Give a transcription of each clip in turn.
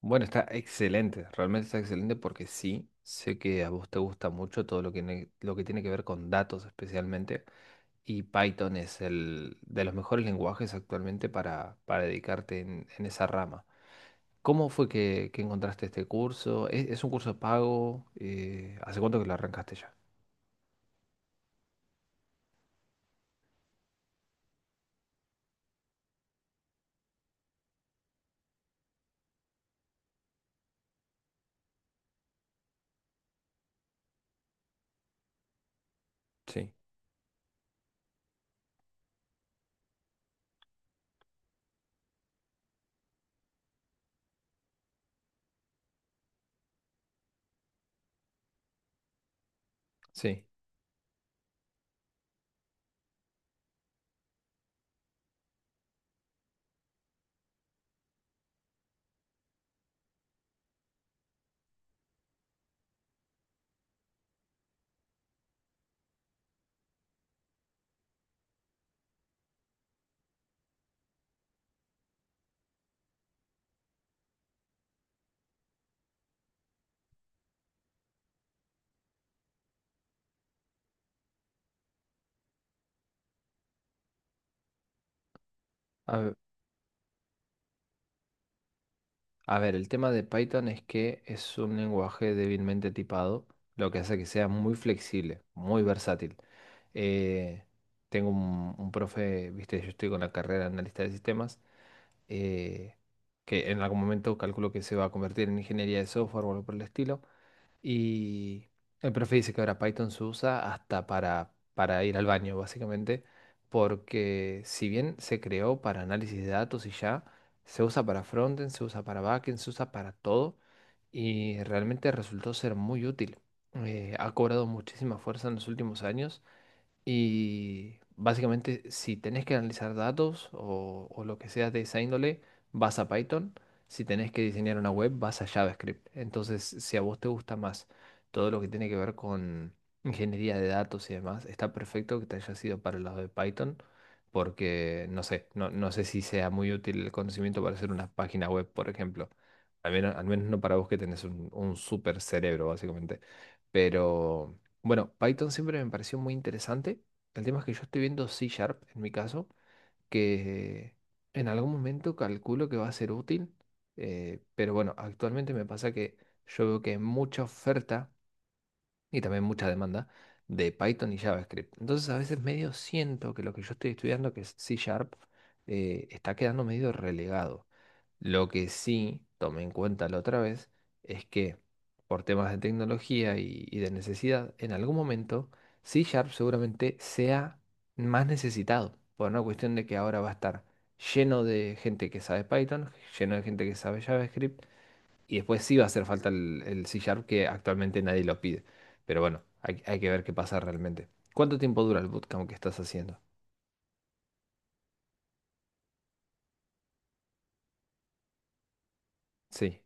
Bueno, está excelente, realmente está excelente porque sí, sé que a vos te gusta mucho todo lo que tiene que ver con datos especialmente y Python es el de los mejores lenguajes actualmente para dedicarte en esa rama. ¿Cómo fue que encontraste este curso? ¿Es un curso pago? ¿Hace cuánto que lo arrancaste ya? Sí, sí. A ver, el tema de Python es que es un lenguaje débilmente tipado, lo que hace que sea muy flexible, muy versátil. Eh, Tengo un profe, viste, yo estoy con la carrera de analista de sistemas, eh, que en algún momento calculo que se va a convertir en ingeniería de software o algo por el estilo. Y el profe dice que ahora Python se usa hasta para ir al baño, básicamente, porque si bien se creó para análisis de datos y ya, se usa para frontend, se usa para backend, se usa para todo y realmente resultó ser muy útil. Ha cobrado muchísima fuerza en los últimos años y básicamente, si tenés que analizar datos o lo que sea de esa índole, vas a Python. Si tenés que diseñar una web, vas a JavaScript. Entonces, si a vos te gusta más todo lo que tiene que ver con ingeniería de datos y demás, está perfecto que te hayas ido para el lado de Python, porque no sé, no sé si sea muy útil el conocimiento para hacer una página web, por ejemplo. Al menos no para vos que tenés un super cerebro, básicamente. Pero. Bueno, Python siempre me pareció muy interesante. El tema es que yo estoy viendo C Sharp en mi caso, que en algún momento calculo que va a ser útil, pero bueno, actualmente me pasa que yo veo que hay mucha oferta y también mucha demanda de Python y JavaScript. Entonces a veces medio siento que lo que yo estoy estudiando, que es C Sharp, está quedando medio relegado. Lo que sí tomé en cuenta la otra vez es que por temas de tecnología y de necesidad, en algún momento C Sharp seguramente sea más necesitado, por una cuestión de que ahora va a estar lleno de gente que sabe Python, lleno de gente que sabe JavaScript, y después sí va a hacer falta el C Sharp que actualmente nadie lo pide. Pero bueno, hay que ver qué pasa realmente. ¿Cuánto tiempo dura el bootcamp que estás haciendo? Sí.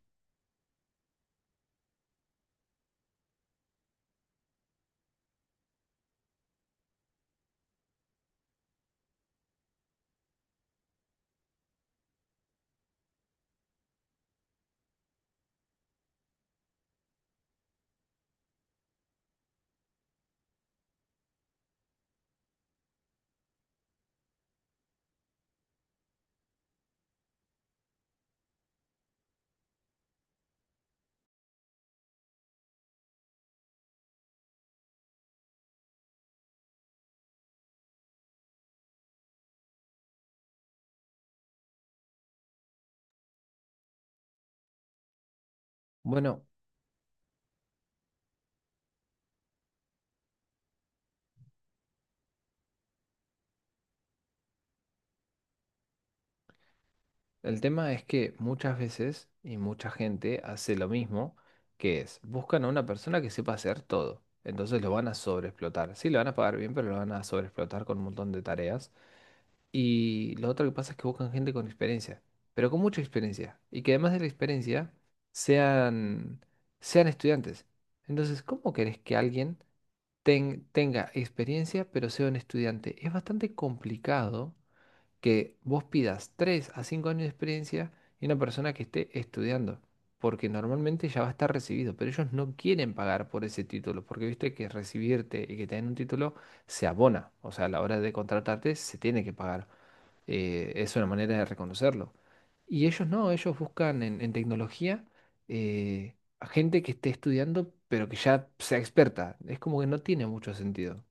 Bueno. El tema es que muchas veces y mucha gente hace lo mismo, que es, buscan a una persona que sepa hacer todo. Entonces lo van a sobreexplotar. Sí, lo van a pagar bien, pero lo van a sobreexplotar con un montón de tareas. Y lo otro que pasa es que buscan gente con experiencia, pero con mucha experiencia. Y que además de la experiencia sean, sean estudiantes. Entonces, ¿cómo querés que alguien tenga experiencia pero sea un estudiante? Es bastante complicado que vos pidas 3 a 5 años de experiencia y una persona que esté estudiando, porque normalmente ya va a estar recibido, pero ellos no quieren pagar por ese título, porque viste que recibirte y que te den un título se abona, o sea, a la hora de contratarte se tiene que pagar, es una manera de reconocerlo. Y ellos no, ellos buscan en tecnología a gente que esté estudiando, pero que ya sea experta, es como que no tiene mucho sentido.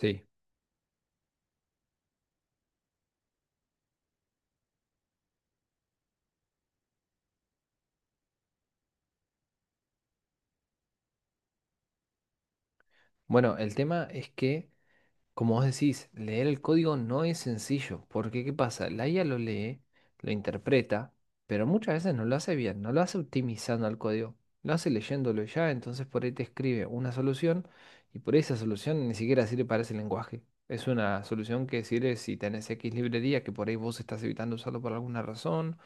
Sí. Bueno, el tema es que como vos decís, leer el código no es sencillo, porque ¿qué pasa? La IA lo lee, lo interpreta, pero muchas veces no lo hace bien, no lo hace optimizando al código, lo hace leyéndolo ya, entonces por ahí te escribe una solución y por ahí esa solución ni siquiera sirve para ese lenguaje. Es una solución que sirve si tenés X librería que por ahí vos estás evitando usarlo por alguna razón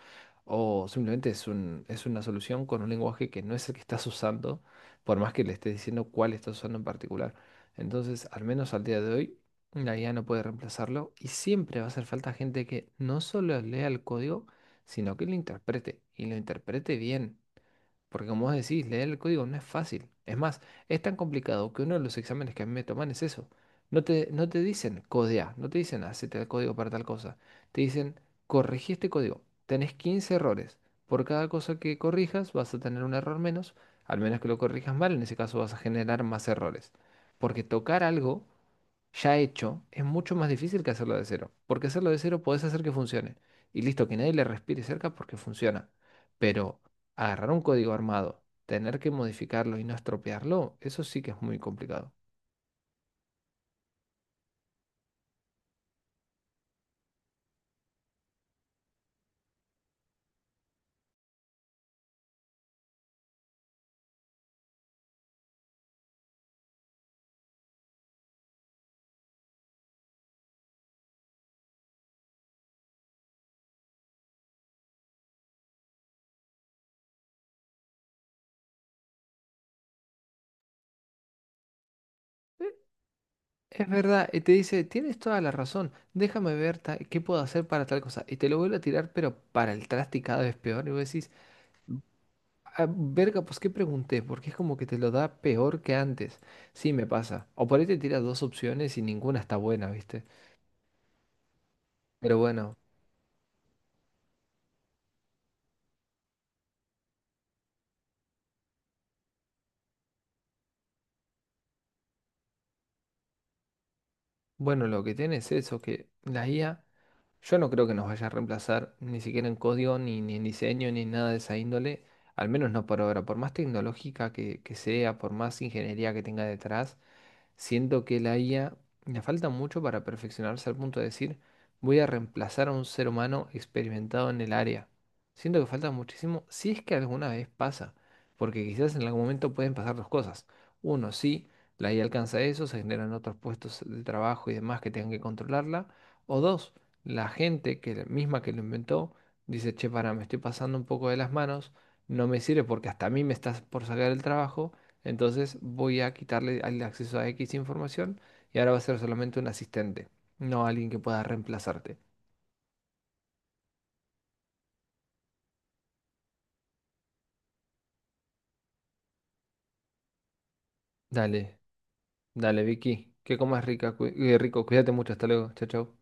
o simplemente es una solución con un lenguaje que no es el que estás usando, por más que le estés diciendo cuál estás usando en particular. Entonces, al menos al día de hoy, la IA no puede reemplazarlo y siempre va a hacer falta gente que no solo lea el código, sino que lo interprete y lo interprete bien. Porque como vos decís, leer el código no es fácil. Es más, es tan complicado que uno de los exámenes que a mí me toman es eso. No te dicen codea, no te dicen hacete el código para tal cosa. Te dicen corregí este código. Tenés 15 errores. Por cada cosa que corrijas vas a tener un error menos, al menos que lo corrijas mal, en ese caso vas a generar más errores. Porque tocar algo ya hecho es mucho más difícil que hacerlo de cero. Porque hacerlo de cero podés hacer que funcione. Y listo, que nadie le respire cerca porque funciona. Pero agarrar un código armado, tener que modificarlo y no estropearlo, eso sí que es muy complicado. Eh, Es verdad, y te dice, tienes toda la razón, déjame ver qué puedo hacer para tal cosa. Y te lo vuelve a tirar, pero para el traste y cada vez peor. Y vos decís, "Ah, verga, pues qué pregunté, porque es como que te lo da peor que antes. Sí, me pasa. O por ahí te tira dos opciones y ninguna está buena, ¿viste? Pero bueno, bueno, lo que tiene es eso, que la IA, yo no creo que nos vaya a reemplazar ni siquiera en código, ni en diseño, ni en nada de esa índole, al menos no por ahora, por más tecnológica que sea, por más ingeniería que tenga detrás, siento que la IA le falta mucho para perfeccionarse al punto de decir, voy a reemplazar a un ser humano experimentado en el área. Siento que falta muchísimo, si es que alguna vez pasa, porque quizás en algún momento pueden pasar dos cosas. Uno, sí, la IA alcanza eso, se generan otros puestos de trabajo y demás que tengan que controlarla. O dos, la gente que misma que lo inventó dice, che, para, me estoy pasando un poco de las manos, no me sirve porque hasta a mí me estás por sacar el trabajo entonces voy a quitarle el acceso a X información y ahora va a ser solamente un asistente, no alguien que pueda reemplazarte. Dale, dale, Vicky, que comas rica, rico, cuídate mucho, hasta luego, chao, chao.